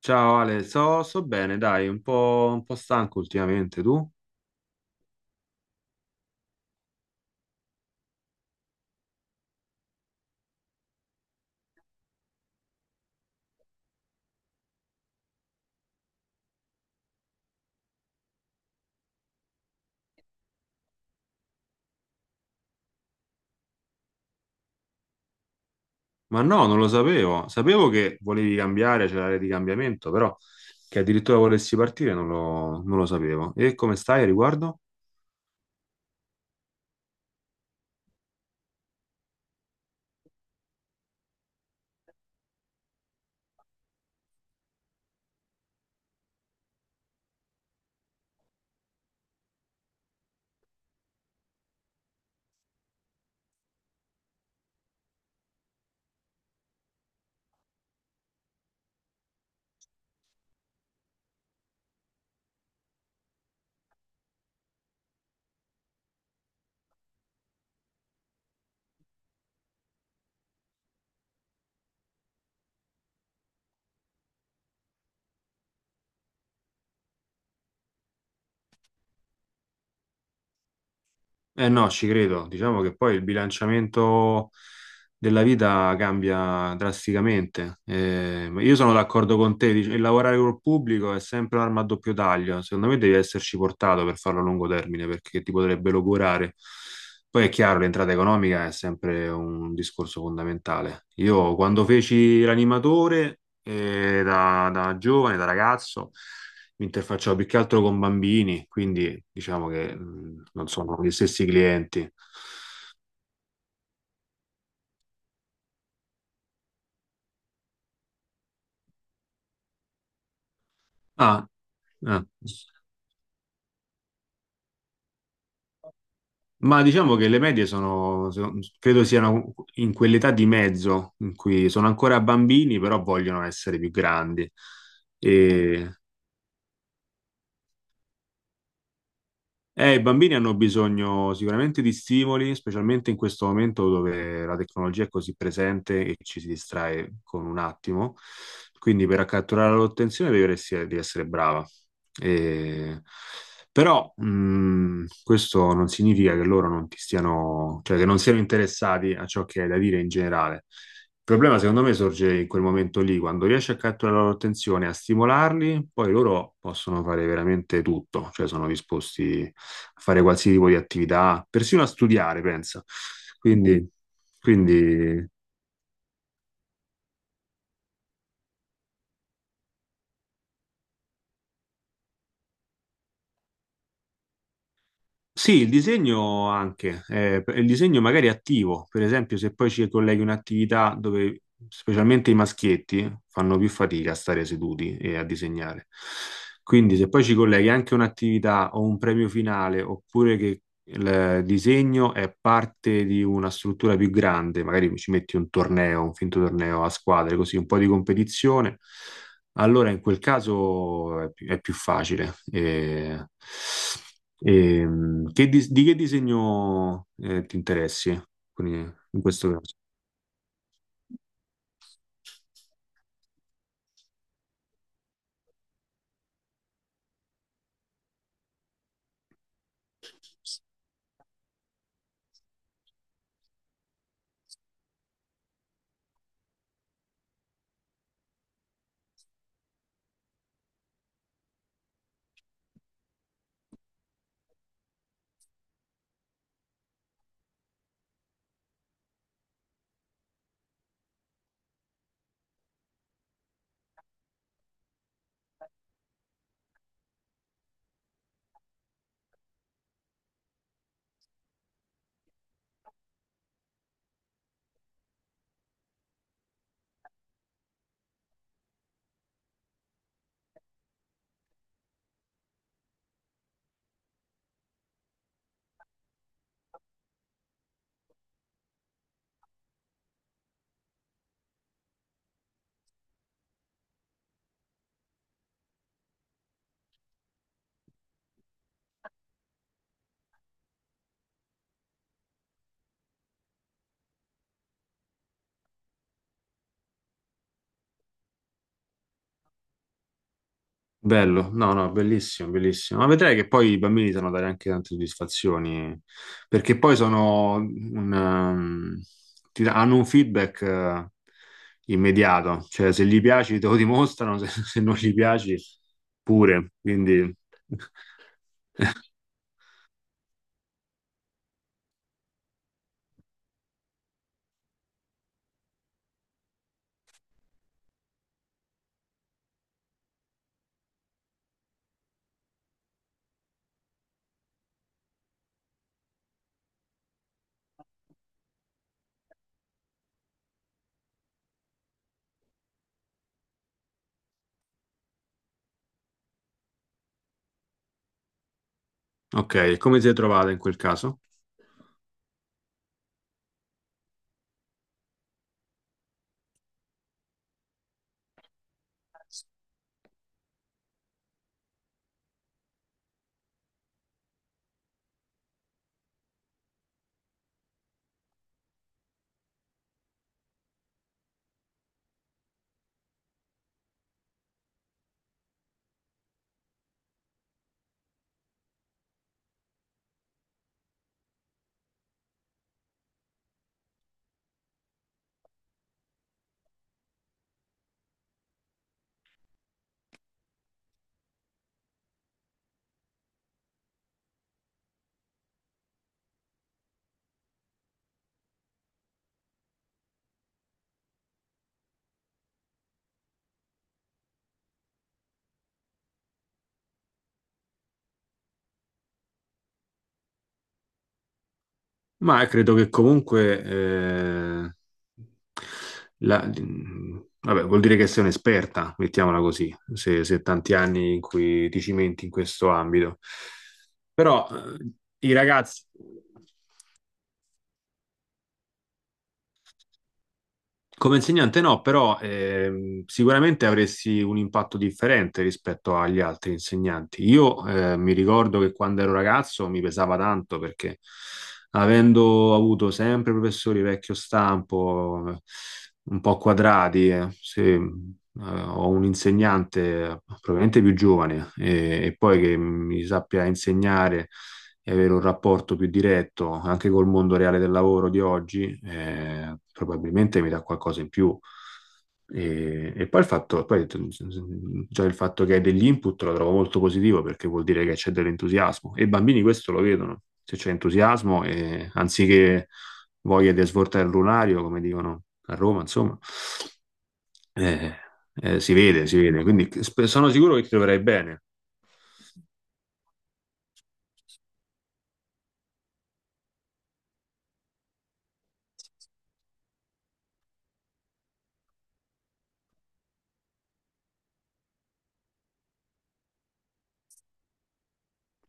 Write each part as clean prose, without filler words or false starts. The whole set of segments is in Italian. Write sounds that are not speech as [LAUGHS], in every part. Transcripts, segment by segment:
Ciao Ale, so bene, dai, un po' stanco ultimamente, tu? Ma no, non lo sapevo. Sapevo che volevi cambiare, c'era l'area di cambiamento, però che addirittura volessi partire non lo sapevo. E come stai a riguardo? Eh no, ci credo. Diciamo che poi il bilanciamento della vita cambia drasticamente. Ma io sono d'accordo con te, il lavorare col pubblico è sempre un'arma a doppio taglio. Secondo me devi esserci portato per farlo a lungo termine perché ti potrebbe logorare. Poi è chiaro, l'entrata economica è sempre un discorso fondamentale. Io quando feci l'animatore, da giovane, da ragazzo, mi interfacciavo più che altro con bambini, quindi diciamo che non sono gli stessi clienti. Ah, ah. Ma diciamo che le medie sono, credo siano in quell'età di mezzo in cui sono ancora bambini, però vogliono essere più grandi. E I bambini hanno bisogno sicuramente di stimoli, specialmente in questo momento dove la tecnologia è così presente e ci si distrae con un attimo. Quindi per catturare l'attenzione devi essere brava. E- Però questo non significa che loro non ti stiano, cioè che non siano interessati a ciò che hai da dire in generale. Il problema, secondo me, sorge in quel momento lì, quando riesci a catturare la loro attenzione, a stimolarli, poi loro possono fare veramente tutto, cioè sono disposti a fare qualsiasi tipo di attività, persino a studiare, pensa. Quindi, quindi, sì, il disegno anche, il disegno magari attivo, per esempio se poi ci colleghi un'attività dove specialmente i maschietti fanno più fatica a stare seduti e a disegnare. Quindi se poi ci colleghi anche un'attività o un premio finale, oppure che il disegno è parte di una struttura più grande, magari ci metti un torneo, un finto torneo a squadre, così un po' di competizione, allora in quel caso è più facile. Che di che disegno ti interessi? Quindi, in questo caso. Bello, no, no, bellissimo, bellissimo. Ma vedrai che poi i bambini sanno dare anche tante soddisfazioni, perché poi sono un, hanno un feedback immediato, cioè se gli piaci te lo dimostrano, se, [LAUGHS] se non gli piaci pure. Quindi, [LAUGHS] ok, come ti sei trovata in quel caso? Ma credo che comunque, vabbè, vuol dire che sei un'esperta, mettiamola così, se, se tanti anni in cui ti cimenti in questo ambito. Però i ragazzi come insegnante no, però sicuramente avresti un impatto differente rispetto agli altri insegnanti. Io mi ricordo che quando ero ragazzo mi pesava tanto perché avendo avuto sempre professori vecchio stampo, un po' quadrati, se, ho un insegnante probabilmente più giovane e poi che mi sappia insegnare e avere un rapporto più diretto anche col mondo reale del lavoro di oggi, probabilmente mi dà qualcosa in più. E poi il fatto, poi già il fatto che hai degli input lo trovo molto positivo perché vuol dire che c'è dell'entusiasmo e i bambini questo lo vedono, se c'è entusiasmo e anziché voglia di svoltare il lunario, come dicono a Roma, insomma, eh, si vede, quindi sono sicuro che ti troverai bene,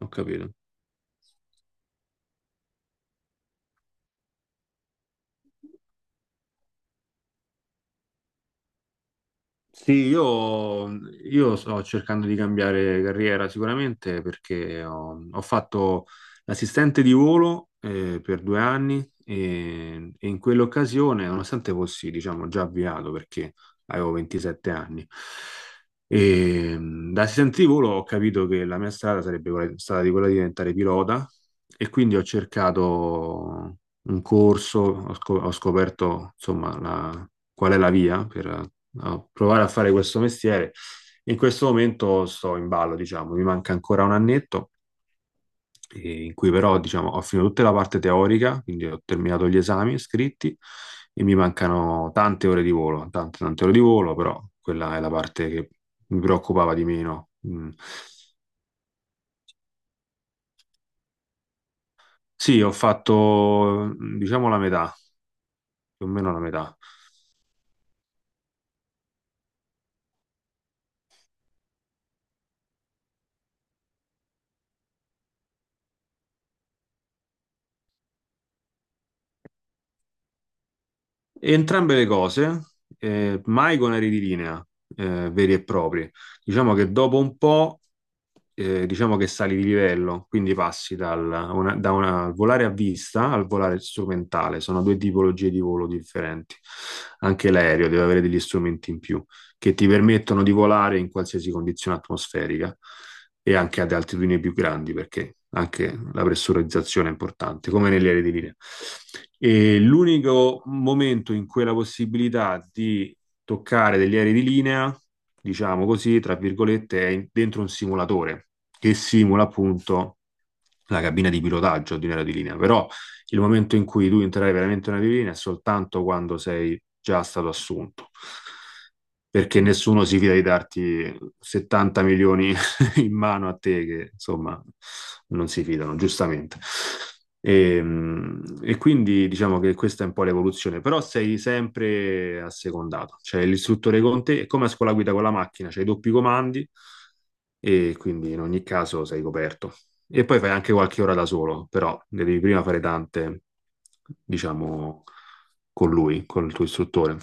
ho capito. Sì, io sto cercando di cambiare carriera sicuramente perché ho, ho fatto l'assistente di volo per 2 anni e in quell'occasione, nonostante fossi, diciamo, già avviato perché avevo 27 anni, e, da assistente di volo ho capito che la mia strada sarebbe stata di quella di diventare pilota e quindi ho cercato un corso, ho, ho scoperto insomma qual è la via per a provare a fare questo mestiere. In questo momento sto in ballo, diciamo, mi manca ancora un annetto, in cui però, diciamo, ho finito tutta la parte teorica, quindi ho terminato gli esami scritti e mi mancano tante ore di volo, tante ore di volo, però quella è la parte che mi preoccupava di meno. Mm. Sì, ho fatto, diciamo, la metà, più o meno la metà. Entrambe le cose, mai con aerei di linea veri e propri. Diciamo che dopo un po', diciamo che sali di livello, quindi passi da una volare a vista al volare strumentale. Sono due tipologie di volo differenti. Anche l'aereo deve avere degli strumenti in più che ti permettono di volare in qualsiasi condizione atmosferica e anche ad altitudini più grandi, perché anche la pressurizzazione è importante, come negli aerei di linea. E l'unico momento in cui la possibilità di toccare degli aerei di linea, diciamo così, tra virgolette, dentro un simulatore che simula appunto la cabina di pilotaggio di un aereo di linea. Però il momento in cui tu entrerai veramente in un aereo di linea è soltanto quando sei già stato assunto. Perché nessuno si fida di darti 70 milioni in mano a te che insomma non si fidano, giustamente. E, e quindi diciamo che questa è un po' l'evoluzione, però sei sempre assecondato, cioè l'istruttore con te è come a scuola guida con la macchina, c'hai i doppi comandi e quindi in ogni caso sei coperto. E poi fai anche qualche ora da solo, però ne devi prima fare tante, diciamo, con lui, con il tuo istruttore.